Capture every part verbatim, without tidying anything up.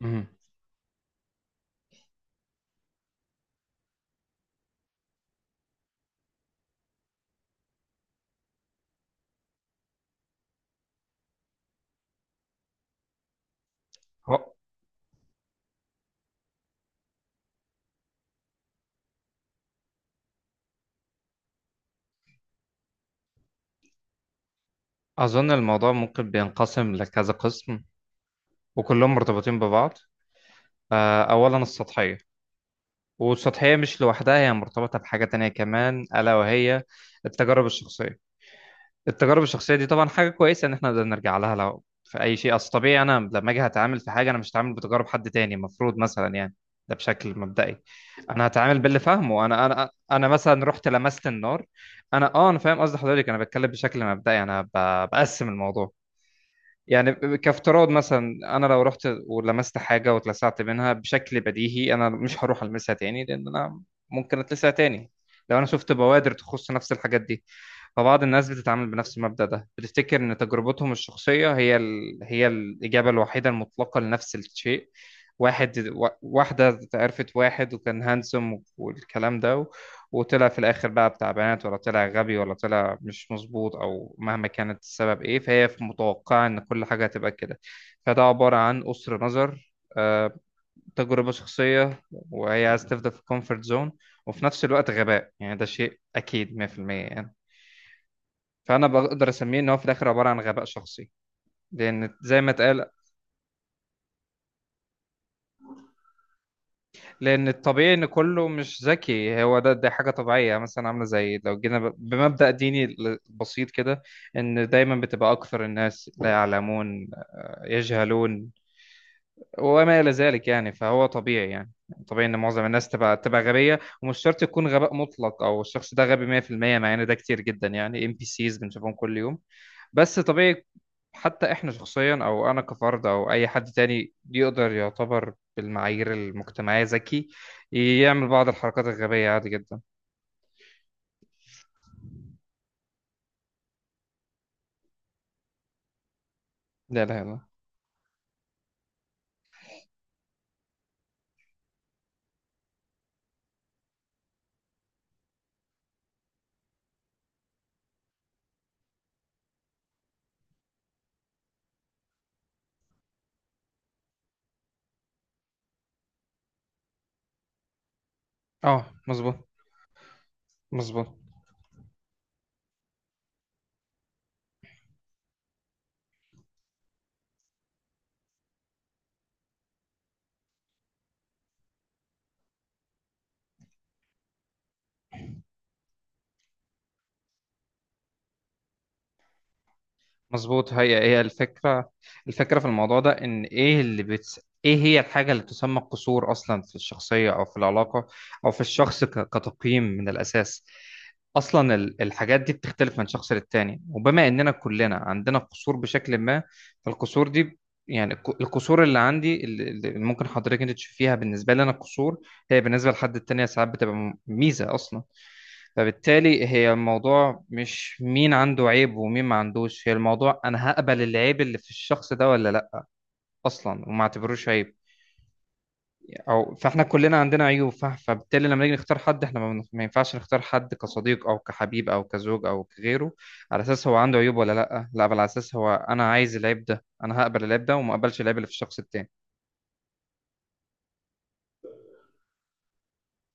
مم. هو- أظن الموضوع ممكن بينقسم لكذا قسم، وكلهم مرتبطين ببعض. آه، أولا السطحية، والسطحية مش لوحدها، هي مرتبطة بحاجة تانية كمان ألا وهي التجارب الشخصية. التجارب الشخصية دي طبعا حاجة كويسة إن إحنا نقدر نرجع لها لو في أي شيء. أصل طبيعي أنا لما أجي هتعامل في حاجة، أنا مش هتعامل بتجارب حد تاني المفروض، مثلا يعني، ده بشكل مبدئي. أنا هتعامل باللي فاهمه أنا أنا أنا مثلا رحت لمست النار. أنا أه أنا فاهم قصد حضرتك، أنا بتكلم بشكل مبدئي، أنا ب- بقسم الموضوع. يعني كافتراض مثلا انا لو رحت ولمست حاجه واتلسعت منها، بشكل بديهي انا مش هروح المسها تاني لان انا ممكن اتلسع تاني لو انا شفت بوادر تخص نفس الحاجات دي. فبعض الناس بتتعامل بنفس المبدأ ده، بتفتكر إن تجربتهم الشخصية هي ال... هي الإجابة الوحيدة المطلقة لنفس الشيء. واحد و... واحدة عرفت واحد وكان هانسوم والكلام ده و... وطلع في الآخر بقى بتاع بنات، ولا طلع غبي، ولا طلع مش مظبوط، أو مهما كانت السبب إيه، فهي في متوقعة إن كل حاجة هتبقى كده. فده عبارة عن قصر نظر، آه، تجربة شخصية، وهي عايزة تفضل في الكومفورت زون، وفي نفس الوقت غباء. يعني ده شيء أكيد مية بالمية يعني. فانا بقدر اسميه ان هو في الاخر عباره عن غباء شخصي، لان زي ما اتقال. لان الطبيعي ان كله مش ذكي، هو ده، دي حاجه طبيعيه، مثلا عامله زي لو جينا ب- بمبدا ديني ل- بسيط كده، ان دايما بتبقى اكثر الناس لا يعلمون، يجهلون، وما الى ذلك. يعني فهو طبيعي، يعني طبيعي ان معظم الناس تبقى تبقى غبيه، ومش شرط يكون غباء مطلق او الشخص ده غبي مية بالمية، مع ان ده كتير جدا. يعني ام بي سيز بنشوفهم كل يوم، بس طبيعي. حتى احنا شخصيا، او انا كفرد او اي حد تاني يقدر يعتبر بالمعايير المجتمعية ذكي، يعمل بعض الحركات الغبية عادي جدا. لا، لا، لا. اه مظبوط، مظبوط، مظبوط، هي هي الفكرة. الفكرة في الموضوع ده ان ايه اللي بتس... ايه هي الحاجة اللي تسمى قصور اصلا في الشخصية او في العلاقة او في الشخص ك... كتقييم من الاساس. اصلا ال- الحاجات دي بتختلف من شخص للتاني، وبما اننا كلنا عندنا قصور بشكل ما، فالقصور دي يعني الك- القصور اللي عندي، اللي اللي ممكن حضرتك انت تشوفيها بالنسبه لي انا قصور، هي بالنسبه لحد التاني ساعات بتبقى م- ميزه اصلا. فبالتالي هي الموضوع مش مين عنده عيب ومين ما عندوش، هي الموضوع انا هقبل العيب اللي في الشخص ده ولا لا اصلا، وما اعتبروش عيب او. فاحنا كلنا عندنا عيوب، ف- فبالتالي لما نيجي نختار حد، احنا ما بن- ما ينفعش نختار حد كصديق او كحبيب او كزوج او كغيره على اساس هو عنده عيوب ولا لا، لا بل على اساس هو انا عايز العيب ده، انا هقبل العيب ده وما اقبلش العيب اللي في الشخص التاني.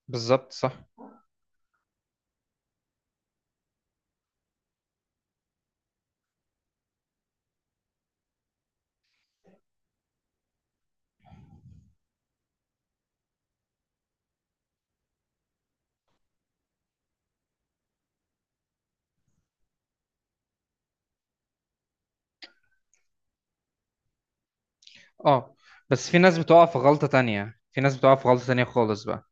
بالظبط صح. اه بس في ناس بتقع في غلطة تانية، في ناس بتقع في غلطة تانية خالص بقى.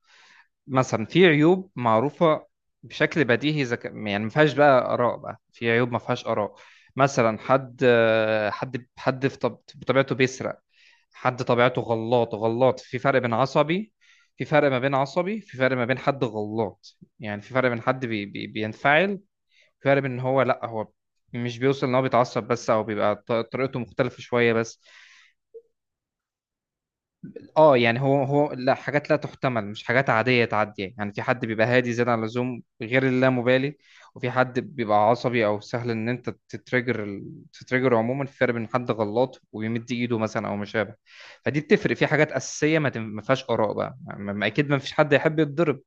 مثلا في عيوب معروفة بشكل بديهي زك... يعني ما فيهاش بقى آراء، بقى في عيوب ما فيهاش آراء. مثلا حد، آه، حد حد في طب... بطبيعته بيسرق، حد طبيعته غلاط غلاط، في فرق بين عصبي، في فرق ما بين عصبي، في فرق ما بين حد غلاط. يعني في فرق بين حد بي بي بينفعل، في فرق بين ان هو، لا هو مش بيوصل ان هو بيتعصب بس، او بيبقى ط- طريقته مختلفة شوية بس. اه يعني هو، هو لا، حاجات لا تحتمل مش حاجات عادية تعدي. يعني في حد بيبقى هادي زيادة عن اللزوم غير اللامبالي، وفي حد بيبقى عصبي او سهل ان انت تتريجر، ال- تتريجر عموما. في فرق بين حد غلط ويمد ايده مثلا او ما شابه، فدي بتفرق في حاجات اساسية ما تم- ما فيهاش اراء بقى، ما ما- اكيد ما فيش حد يحب يتضرب،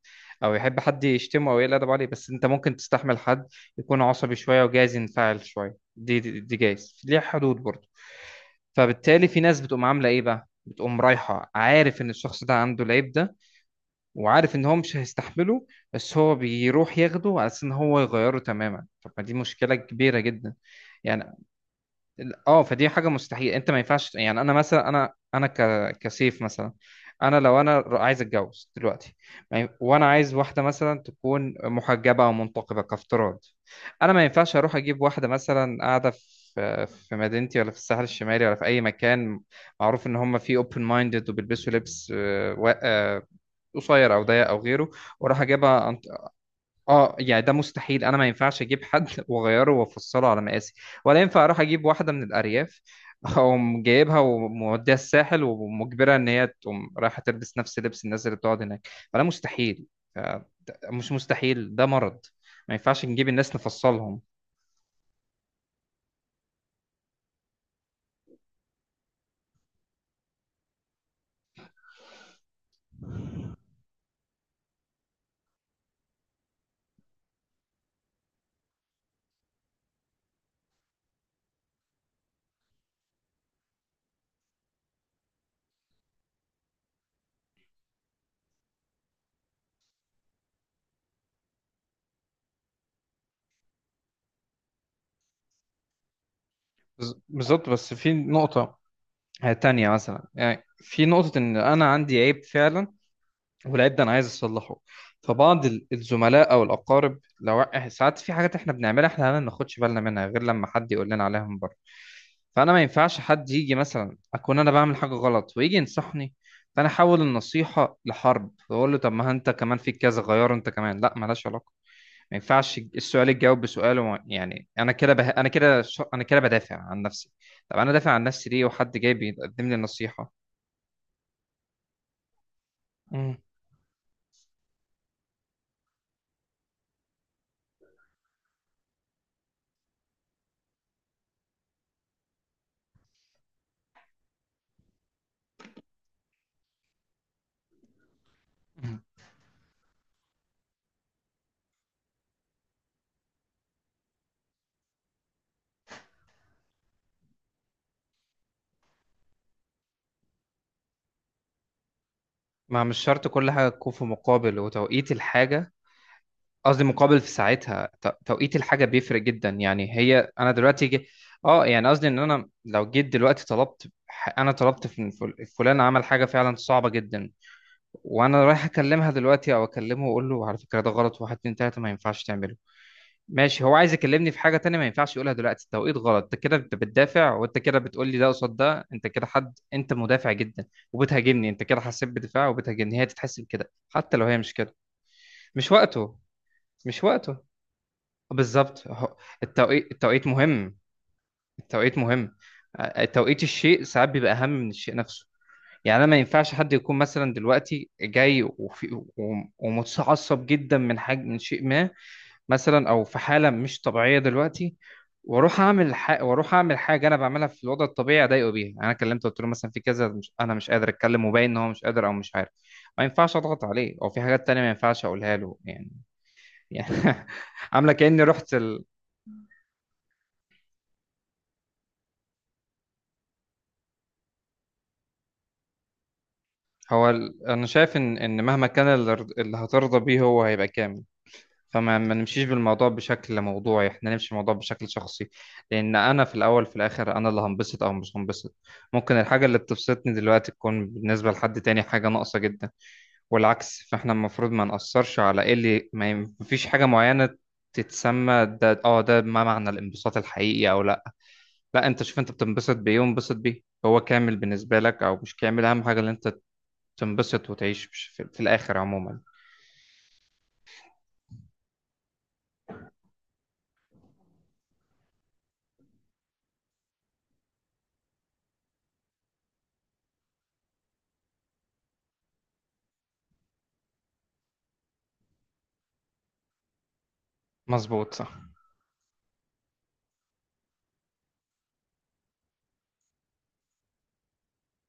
او يحب حد يشتمه او يقل ادب عليه. بس انت ممكن تستحمل حد يكون عصبي شوية وجايز ينفعل شوية، دي دي, دي جايز ليها حدود برضه. فبالتالي في ناس بتقوم عامله ايه بقى، بتقوم رايحه عارف ان الشخص ده عنده العيب ده، وعارف ان هو مش هيستحمله، بس هو بيروح ياخده على اساس ان هو يغيره تماما. طب ما دي مشكله كبيره جدا يعني. اه فدي حاجه مستحيل، انت ما ينفعش، يعني انا مثلا، انا انا ك... كسيف مثلا، انا لو انا ر- عايز اتجوز دلوقتي، ما ين- وانا عايز واحده مثلا تكون محجبه او منتقبه كافتراض، انا ما ينفعش اروح اجيب واحده مثلا قاعده في في مدينتي ولا في الساحل الشمالي ولا في اي مكان معروف ان هم فيه اوبن مايندد وبيلبسوا لبس، آه، وا- آه، قصير او ضيق او غيره، واروح اجيبها. اه يعني ده مستحيل، انا ما ينفعش اجيب حد واغيره وافصله على مقاسي، ولا ينفع اروح اجيب واحده من الارياف اقوم جايبها وموديها الساحل ومجبرها ان هي تقوم رايحه تلبس نفس لبس الناس اللي بتقعد هناك. فده مستحيل، آه، مش مستحيل ده مرض. ما ينفعش نجيب الناس نفصلهم. بز- بالظبط، بس في نقطه آه، تانية مثلا، يعني في نقطه ان انا عندي عيب فعلا، والعيب ده انا عايز اصلحه، فبعض ال- الزملاء او الاقارب لو ساعات في حاجات احنا بنعملها، احنا ما بناخدش بالنا منها غير لما حد يقول لنا عليها من بره. فانا ما ينفعش حد يجي مثلا اكون انا بعمل حاجه غلط ويجي ينصحني، فانا احول النصيحه لحرب واقول له طب ما انت كمان فيك كذا، غيره انت كمان، لا ملهاش علاقه. ما ينفعش السؤال يتجاوب بسؤاله، ما- يعني انا كده به... انا كده ش... انا كده بدافع عن نفسي. طب انا دافع عن نفسي ليه وحد جاي بيقدم لي نصيحه؟ مم. ما مش شرط كل حاجة تكون في مقابل، وتوقيت الحاجة، قصدي مقابل في ساعتها، ت- توقيت الحاجة بيفرق جدا. يعني هي أنا دلوقتي جي... اه يعني قصدي إن أنا لو جيت دلوقتي طلبت ح- أنا طلبت في فل- فلان عمل حاجة فعلا صعبة جدا، وأنا رايح أكلمها دلوقتي أو أكلمه وأقول له على فكرة ده غلط، واحد اتنين تلاتة ما ينفعش تعمله، ماشي. هو عايز يكلمني في حاجة تانية ما ينفعش يقولها دلوقتي، التوقيت غلط، انت كده انت بتدافع، وانت كده بتقول لي ده قصاد ده، انت كده حد، انت مدافع جدا وبتهاجمني، انت كده حسيت بدفاع وبتهاجمني، هي تتحسب كده حتى لو هي مش كده. مش وقته، مش وقته، بالظبط. هو- التوقيت، التوقيت مهم، التوقيت مهم. آه، توقيت الشيء ساعات بيبقى أهم من الشيء نفسه. يعني انا ما ينفعش حد يكون مثلا دلوقتي جاي وفي و- ومتعصب جدا من حاجة، من شيء ما مثلا، او في حاله مش طبيعيه دلوقتي، واروح اعمل ح... واروح اعمل حاجه انا بعملها في الوضع الطبيعي اضايقه بيها. يعني انا كلمته قلت له مثلا في كذا مش... انا مش قادر اتكلم، وباين ان هو مش قادر او مش عارف، ما ينفعش اضغط عليه، او في حاجات تانية ما ينفعش اقولها له يعني. يعني عامله كاني رحت ال... هو ال... انا شايف ان ان مهما كان اللي اللي هترضى بيه هو هيبقى كامل. فما ما نمشيش بالموضوع بشكل موضوعي، احنا نمشي الموضوع بشكل شخصي، لان انا في الاول في الاخر انا اللي هنبسط او مش هنبسط. ممكن الحاجه اللي بتبسطني دلوقتي تكون بالنسبه لحد تاني حاجه ناقصه جدا والعكس. فاحنا المفروض ما نأثرش على ايه اللي ما ي- مفيش حاجه معينه تتسمى ده، اه ده ما معنى الانبساط الحقيقي او لا، لا. انت شوف انت بتنبسط بايه، وانبسط بيه، هو كامل بالنسبه لك او مش كامل، اهم حاجه اللي انت تنبسط وتعيش في في الاخر عموما. مظبوط صح.